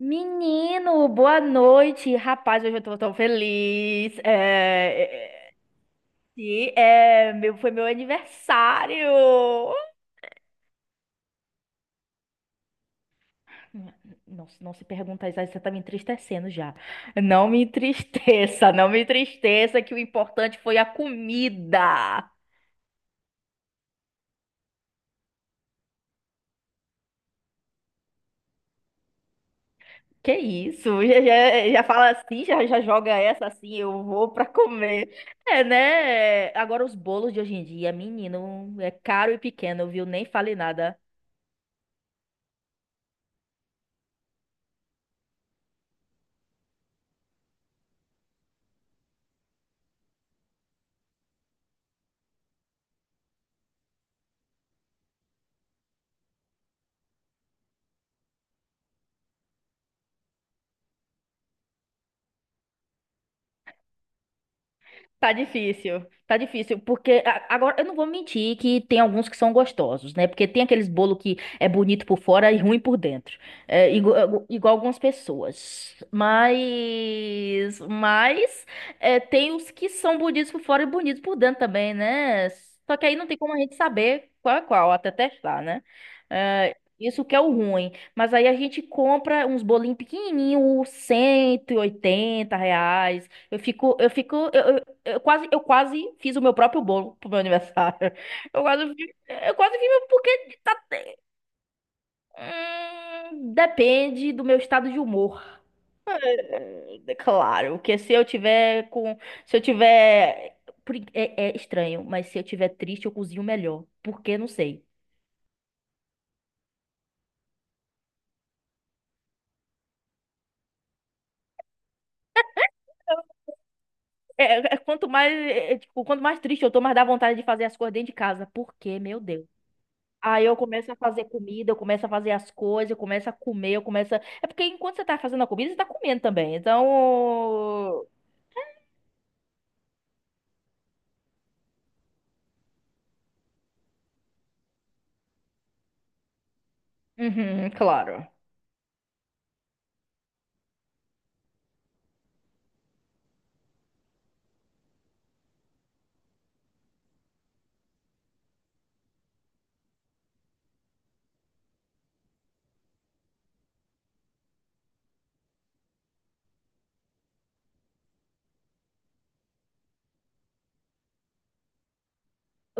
Menino, boa noite. Rapaz, hoje eu tô tão feliz. É, é, e é, meu, foi meu aniversário. Não, não se pergunta isso, aí você tá me entristecendo já. Não me entristeça, não me entristeça, que o importante foi a comida. Que isso? Já, já, já fala assim, já, já joga essa assim, eu vou pra comer. É, né? Agora os bolos de hoje em dia, menino, é caro e pequeno, viu? Nem fale nada. Tá difícil, porque agora eu não vou mentir que tem alguns que são gostosos, né? Porque tem aqueles bolo que é bonito por fora e ruim por dentro, é, igual, algumas pessoas. Mas é, tem os que são bonitos por fora e bonitos por dentro também, né? Só que aí não tem como a gente saber qual é qual até testar, né? É, isso que é o ruim. Mas aí a gente compra uns bolinhos pequenininhos, R$ 180. Eu quase, fiz o meu próprio bolo pro meu aniversário. Eu quase, eu quase fiz. Porque tá, depende do meu estado de humor. É claro, porque se eu tiver, é, é estranho, mas se eu tiver triste, eu cozinho melhor, porque não sei. Quanto mais, tipo, quanto mais triste eu tô, mais dá vontade de fazer as coisas dentro de casa, porque, meu Deus. Aí eu começo a fazer comida, eu começo a fazer as coisas, eu começo a comer, eu começo a... É porque enquanto você tá fazendo a comida, você tá comendo também. Então. Uhum, claro.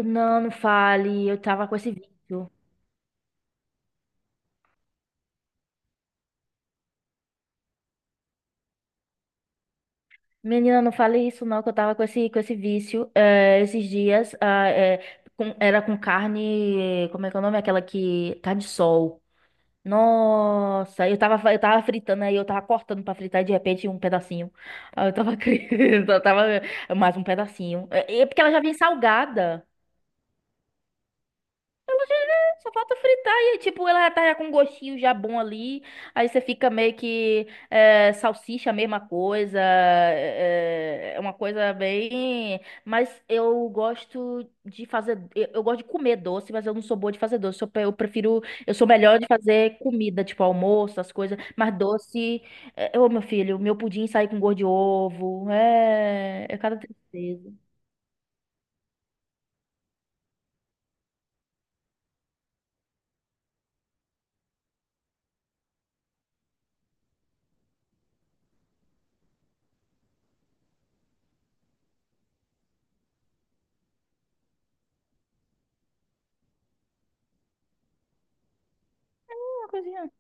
Não, não fale, eu tava com esse vício. Menina, não fale isso não, que eu tava com esse vício esses dias. Era com carne, como é que é o nome? Aquela que... Carne de sol. Nossa, eu tava fritando aí, eu tava cortando pra fritar e de repente um pedacinho. Aí eu tava, eu tava mais um pedacinho. É é porque ela já vem salgada. Só falta fritar e, tipo, ela já tá já com um gostinho já bom ali. Aí você fica meio que é, salsicha, a mesma coisa. É é uma coisa bem. Mas eu gosto de fazer. Eu gosto de comer doce, mas eu não sou boa de fazer doce. Eu, eu prefiro. Eu sou melhor de fazer comida, tipo almoço, as coisas. Mas doce. Ô, meu filho, meu pudim sai com gosto de ovo. É. É cada tristeza. É uma coisinha.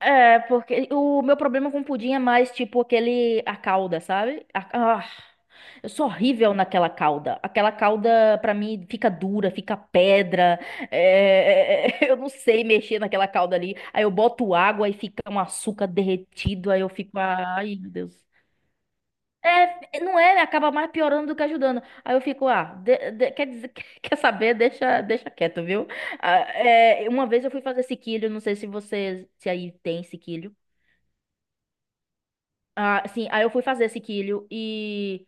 É, porque o meu problema com pudim é mais tipo aquele, a calda, sabe? Eu sou horrível naquela calda. Aquela calda, pra mim, fica dura, fica pedra. Eu não sei mexer naquela calda ali. Aí eu boto água e fica um açúcar derretido. Aí eu fico, ai, meu Deus. É, não é, acaba mais piorando do que ajudando. Aí eu fico, ah, quer dizer, quer saber, deixa, deixa quieto, viu? Ah, é, uma vez eu fui fazer sequilho, não sei se você, se aí tem sequilho. Ah, sim, aí eu fui fazer sequilho e.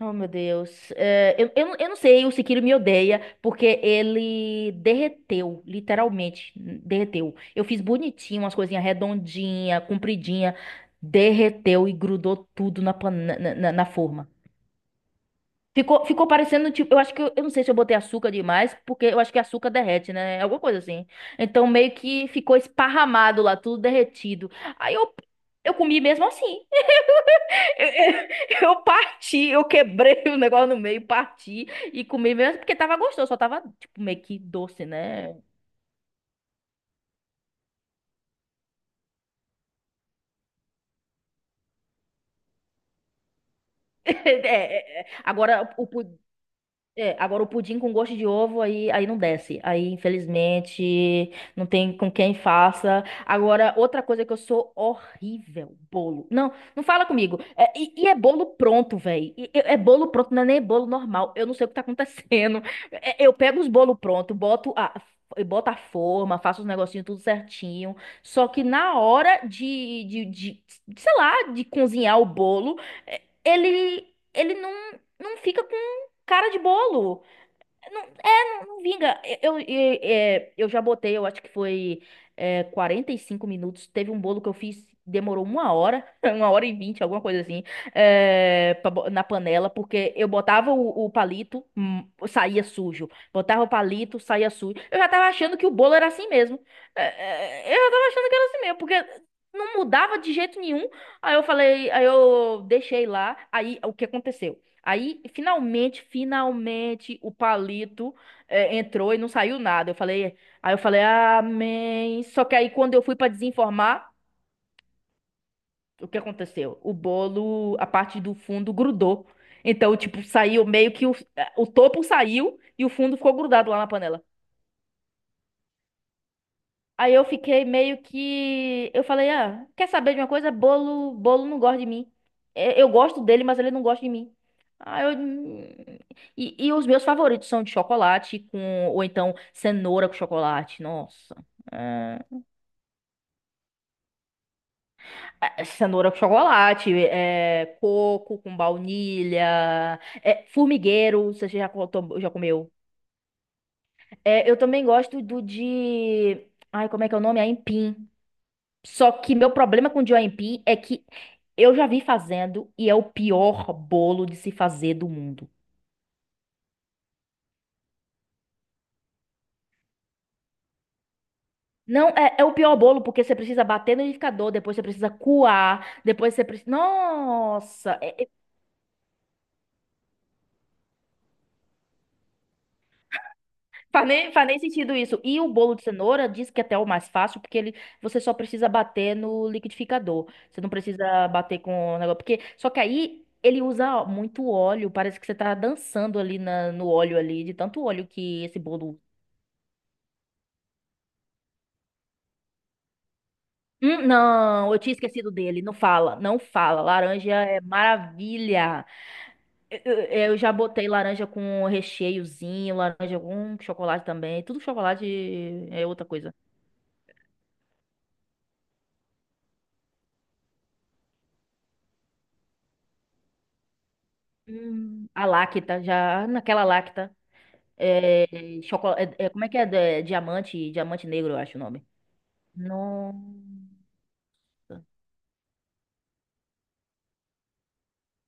Oh, meu Deus. É, eu não sei, o sequilho me odeia, porque ele derreteu, literalmente, derreteu. Eu fiz bonitinho, umas coisinhas redondinha, compridinha, derreteu e grudou tudo na, pan- na, na- na forma. Ficou, ficou parecendo, tipo, eu acho que, eu não sei se eu botei açúcar demais, porque eu acho que açúcar derrete, né? É alguma coisa assim. Então, meio que ficou esparramado lá, tudo derretido. Aí eu, eu comi mesmo assim. Eu parti, eu quebrei o negócio no meio, parti e comi mesmo porque tava gostoso, só tava tipo meio que doce, né? É, é, é. Agora, o, é, agora o pudim com gosto de ovo aí, aí não desce. Aí, infelizmente, não tem com quem faça. Agora, outra coisa que eu sou horrível, bolo. Não, não fala comigo. É, e é bolo pronto, velho. É bolo pronto, não é nem bolo normal. Eu não sei o que tá acontecendo. É, eu pego os bolos prontos, eu boto a forma, faço os negocinhos tudo certinho. Só que na hora sei lá, de cozinhar o bolo, é, ele não fica cara de bolo. Não, não vinga. É, eu já botei, eu acho que foi é, 45 minutos. Teve um bolo que eu fiz, demorou uma hora, uma hora e vinte, alguma coisa assim, é, na panela, porque eu botava o palito, saía sujo. Botava o palito, saía sujo. Eu já tava achando que o bolo era assim mesmo. É, é, eu já tava achando que era assim mesmo, porque não mudava de jeito nenhum. Aí eu falei, aí eu deixei lá. Aí o que aconteceu? Aí, finalmente, finalmente, o palito é, entrou e não saiu nada. Aí eu falei, amém. Só que aí quando eu fui pra desenformar, o que aconteceu? O bolo, a parte do fundo grudou. Então, tipo, saiu meio que o, é, o topo saiu e o fundo ficou grudado lá na panela. Aí eu fiquei meio que, eu falei, ah, quer saber de uma coisa? Bolo, bolo não gosta de mim. É, eu gosto dele, mas ele não gosta de mim. Ah, eu... E, e os meus favoritos são de chocolate com, ou então cenoura com chocolate. Nossa. É. É, cenoura com chocolate, é, coco com baunilha, é, formigueiro, você já, já comeu. É, eu também gosto do de. Ai, como é que é o nome? Aipim. Só que meu problema com o de aipim é que eu já vi fazendo e é o pior bolo de se fazer do mundo. Não, é, é o pior bolo porque você precisa bater no liquidificador, depois você precisa coar, depois você precisa. Nossa! É, faz nem, faz nem sentido isso. E o bolo de cenoura diz que até é o mais fácil, porque ele, você só precisa bater no liquidificador. Você não precisa bater com o negócio. Porque, só que aí ele usa muito óleo. Parece que você tá dançando ali no óleo ali, de tanto óleo que esse bolo. Não, eu tinha esquecido dele. Não fala, não fala. Laranja é maravilha. Eu, eu- eu já botei laranja com recheiozinho, laranja com chocolate também. Tudo chocolate é outra coisa. A Lacta, já naquela Lacta. É, como é que é? É, diamante, diamante negro, eu acho o nome. Nossa.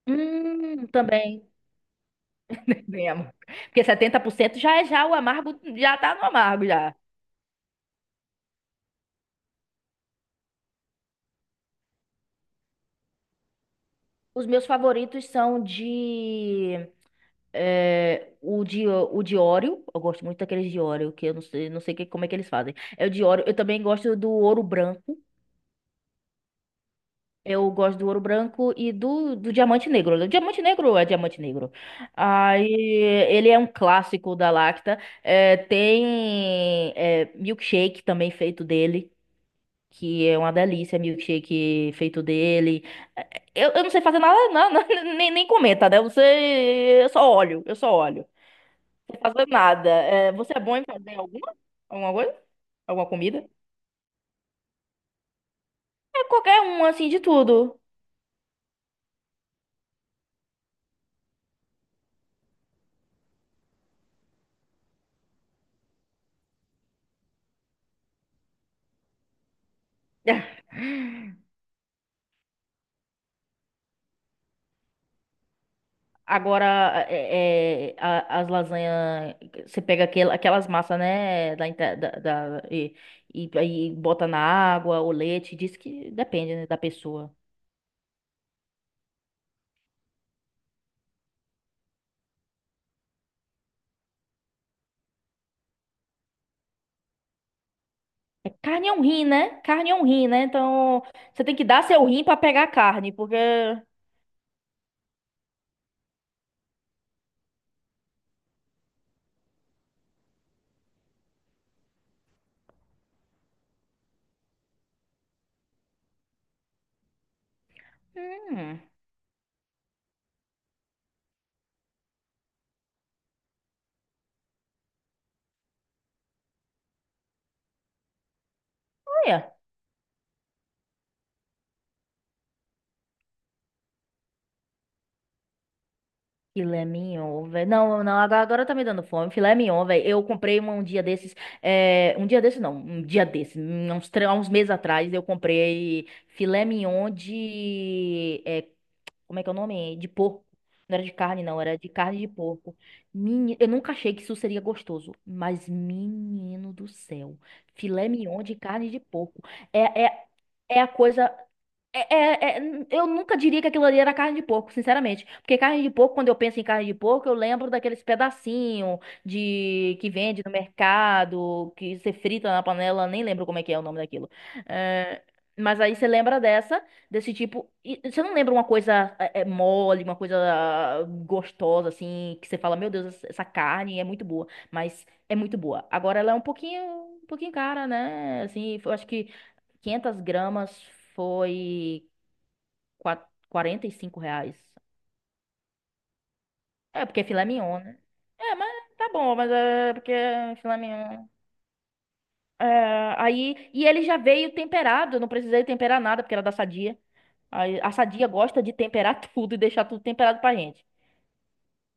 Também. Mesmo. Porque 70% já é já o amargo, já tá no amargo já. Os meus favoritos são de é, o de Oreo. Eu gosto muito daqueles de Oreo, que eu não sei como é que eles fazem. É o de Oreo. Eu também gosto do ouro branco. Eu gosto do ouro branco e do diamante negro. O diamante negro é diamante negro. Aí ele é um clássico da Lacta. É, tem é, milkshake também feito dele, que é uma delícia, milkshake feito dele. Eu não sei fazer nada, não, não, nem, nem comenta, né? Você, eu só olho, eu só olho. Não sei fazer nada. É, você é bom em fazer alguma, alguma coisa? Alguma comida? É qualquer um, assim, de tudo. Agora, é, é, as lasanhas, você pega aquelas massas, né, da, e, aí bota na água, o leite, diz que depende, né, da pessoa. É, carne é um rim, né? Carne é um rim, né? Então, você tem que dar seu rim pra pegar a carne, porque... Hum, olha. Filé mignon, velho. Não, não, agora, agora tá me dando fome. Filé mignon, velho. Eu comprei um, um dia desses. É, um dia desses, não. Um dia desses. Uns, uns meses atrás, eu comprei filé mignon de. É, como é que é o nome? De porco. Não era de carne, não. Era de carne de porco. Eu nunca achei que isso seria gostoso. Mas, menino do céu. Filé mignon de carne de porco. É, é, é a coisa. É- é- é- eu nunca diria que aquilo ali era carne de porco, sinceramente. Porque carne de porco, quando eu penso em carne de porco, eu lembro daqueles pedacinhos de que vende no mercado, que você frita na panela, nem lembro como é que é o nome daquilo. É, mas aí você lembra dessa, desse tipo. E você não lembra uma coisa é, é, mole, uma coisa ah, gostosa, assim, que você fala, meu Deus, essa carne é muito boa. Mas é muito boa. Agora ela é um pouquinho cara, né? Assim, eu acho que. 500 gramas foi quatro quarenta e cinco reais. É, porque é filé mignon, né? É, mas tá bom, mas é porque é filé mignon. É, aí, e ele já veio temperado, eu não precisei temperar nada, porque era da Sadia. Aí, a Sadia gosta de temperar tudo e deixar tudo temperado pra gente.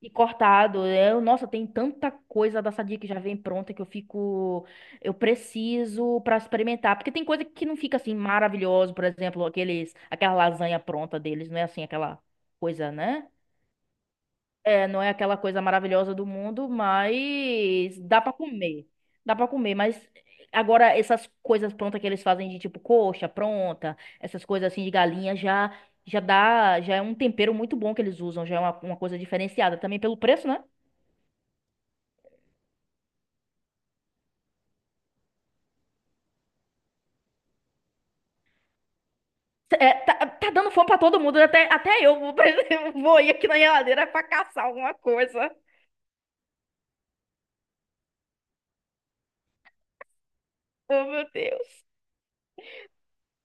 E cortado. Eu, nossa, tem tanta coisa da Sadia que já vem pronta que eu fico. Eu preciso pra experimentar. Porque tem coisa que não fica assim maravilhoso, por exemplo, aqueles, aquela lasanha pronta deles, não é assim aquela coisa, né? É, não é aquela coisa maravilhosa do mundo, mas dá pra comer. Dá pra comer, mas agora essas coisas prontas que eles fazem de tipo coxa pronta, essas coisas assim de galinha já já dá, já é um tempero muito bom que eles usam, já é uma coisa diferenciada também pelo preço, né? É, tá, tá dando fome pra todo mundo, até, até eu vou, vou ir aqui na geladeira pra caçar alguma coisa. Oh, meu Deus.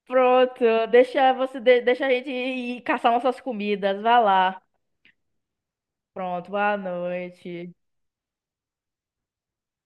Pronto, deixa você deixa a gente ir caçar nossas comidas, vai lá. Pronto, boa noite.